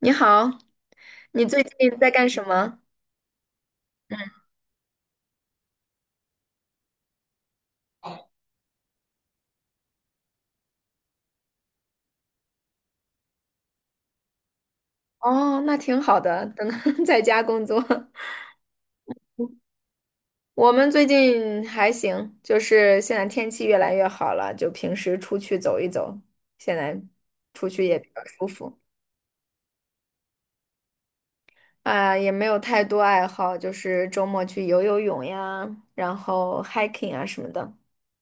你好，你最近在干什么？哦，那挺好的，等 在家工作。我们最近还行，就是现在天气越来越好了，就平时出去走一走，现在出去也比较舒服啊，也没有太多爱好，就是周末去游游泳呀，然后 hiking 啊什么的。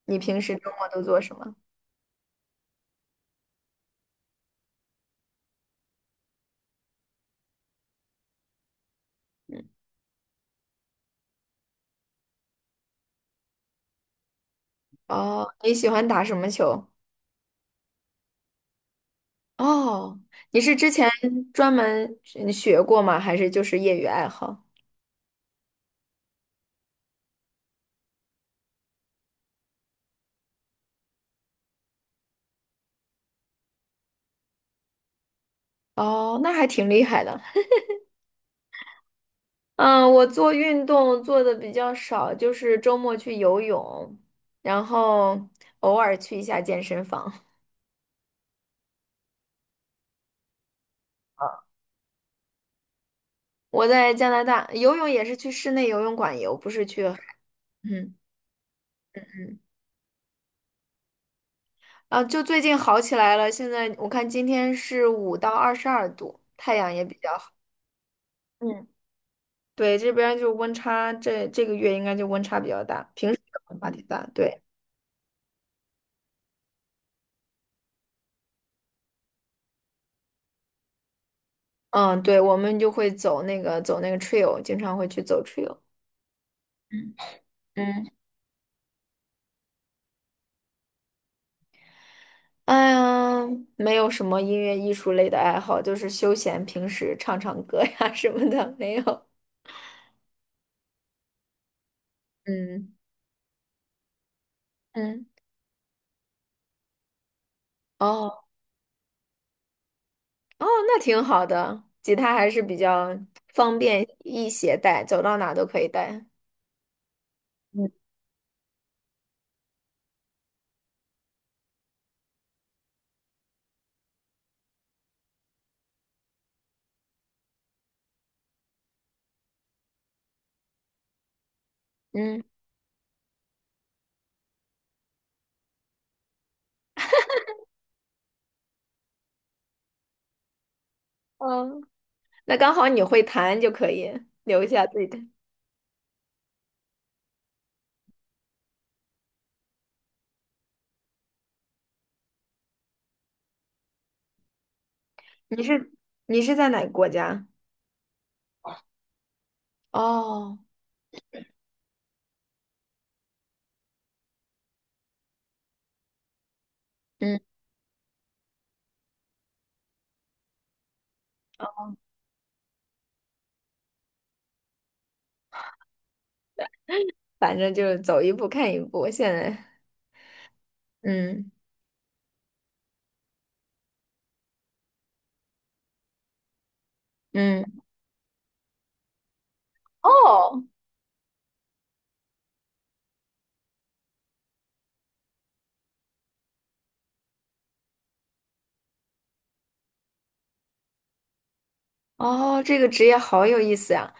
你平时周末都做什么？哦，你喜欢打什么球？哦，你是之前专门学过吗？还是就是业余爱好？哦，那还挺厉害的。嗯，我做运动做的比较少，就是周末去游泳，然后偶尔去一下健身房。我在加拿大游泳也是去室内游泳馆游，不是去海。嗯嗯，啊，就最近好起来了。现在我看今天是5到22度，太阳也比较好。嗯，对，这边就温差，这个月应该就温差比较大，平时可温差挺大。对，嗯，对，我们就会走那个 trail，经常会去走 trail。嗯嗯，哎呀，没有什么音乐艺术类的爱好，就是休闲，平时唱唱歌呀 什么的，没有。嗯嗯，哦哦，那挺好的，吉他还是比较方便易携带，走到哪都可以带。嗯，嗯哦，那刚好你会弹就可以留下自己的。你是你是在哪个国家？哦，嗯，反正就是走一步看一步，现在嗯嗯。哦哦，这个职业好有意思呀！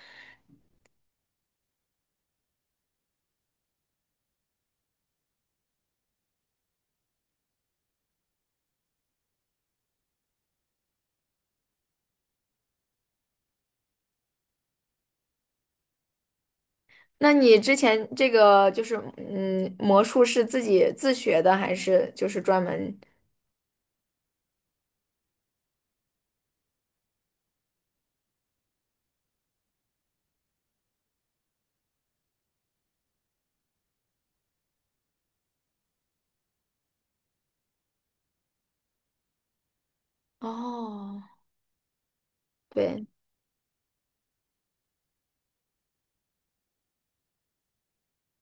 那你之前这个就是，嗯，魔术是自己自学的，还是就是专门？哦，对，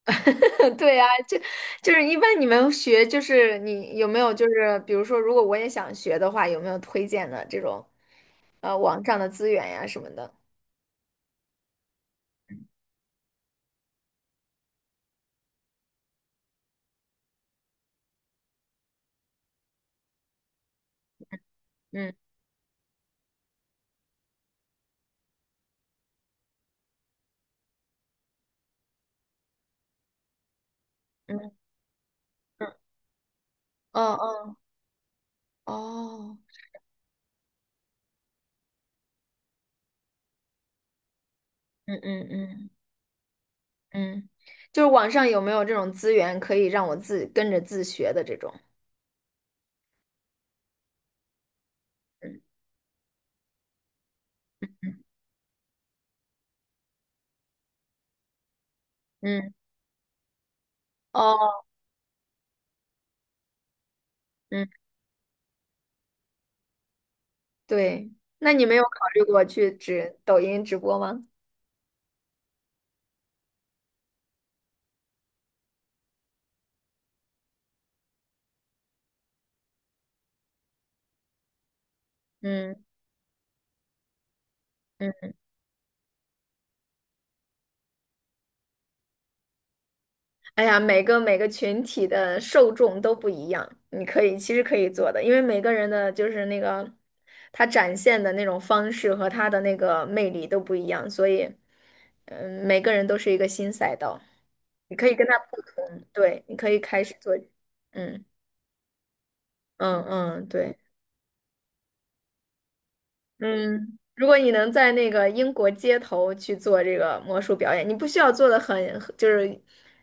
对呀，就是一般你们学，就是你有没有就是比如说，如果我也想学的话，有没有推荐的这种网上的资源呀什么的？嗯嗯嗯哦嗯哦嗯嗯嗯嗯，就是网上有没有这种资源可以让我跟着自学的这种？嗯嗯。哦，嗯，对，那你没有考虑过去抖音直播吗？嗯嗯，哎呀，每个群体的受众都不一样，你可以其实可以做的，因为每个人的就是那个他展现的那种方式和他的那个魅力都不一样，所以嗯，每个人都是一个新赛道，你可以跟他不同，对，你可以开始做，嗯嗯嗯，对。嗯，如果你能在那个英国街头去做这个魔术表演，你不需要做的很，就是，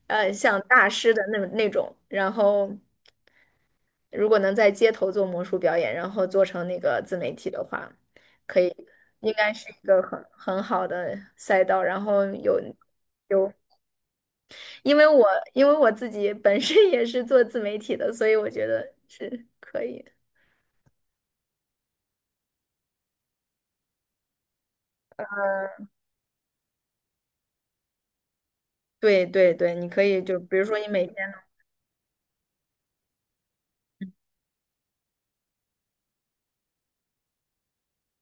像大师的那种。然后，如果能在街头做魔术表演，然后做成那个自媒体的话，可以，应该是一个很好的赛道。然后有，因为我因为我自己本身也是做自媒体的，所以我觉得是可以。对对对，你可以就比如说你每天。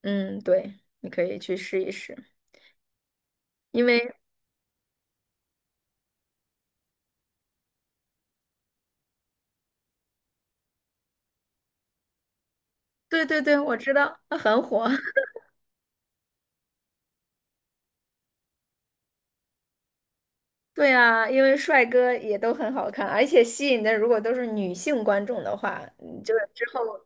嗯，对，你可以去试一试，因为对对对，我知道它很火。对啊，因为帅哥也都很好看，而且吸引的如果都是女性观众的话，嗯就是之后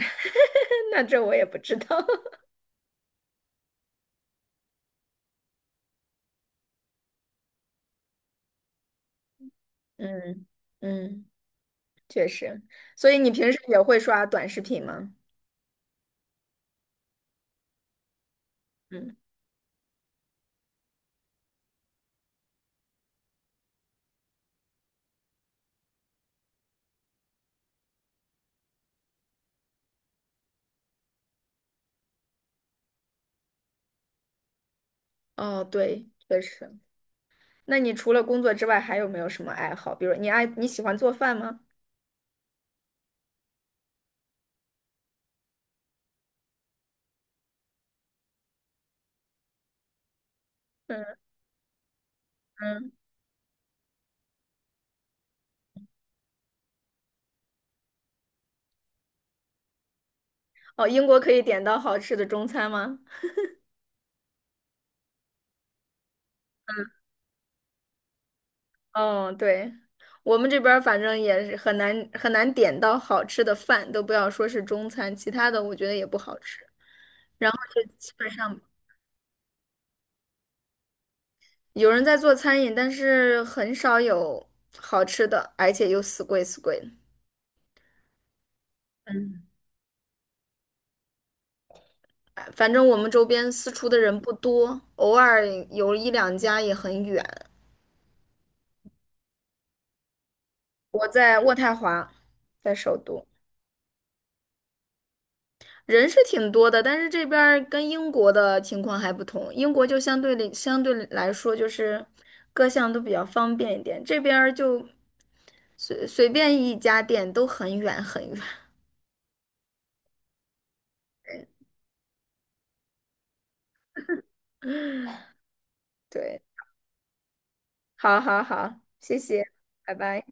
那这我也不知道。嗯嗯，确实。所以你平时也会刷短视频吗？嗯，哦，对，确实。那你除了工作之外，还有没有什么爱好？比如你喜欢做饭吗？嗯嗯，哦，英国可以点到好吃的中餐吗？嗯，对，我们这边儿反正也是很难很难点到好吃的饭，都不要说是中餐，其他的我觉得也不好吃。然后就基本上有人在做餐饮，但是很少有好吃的，而且又死贵死贵的。哎反正我们周边私厨的人不多，偶尔有一两家也很远。我在渥太华，在首都。人是挺多的，但是这边儿跟英国的情况还不同。英国就相对来说，就是各项都比较方便一点，这边儿就随便一家店都很远很远。对，好好好，谢谢，拜拜。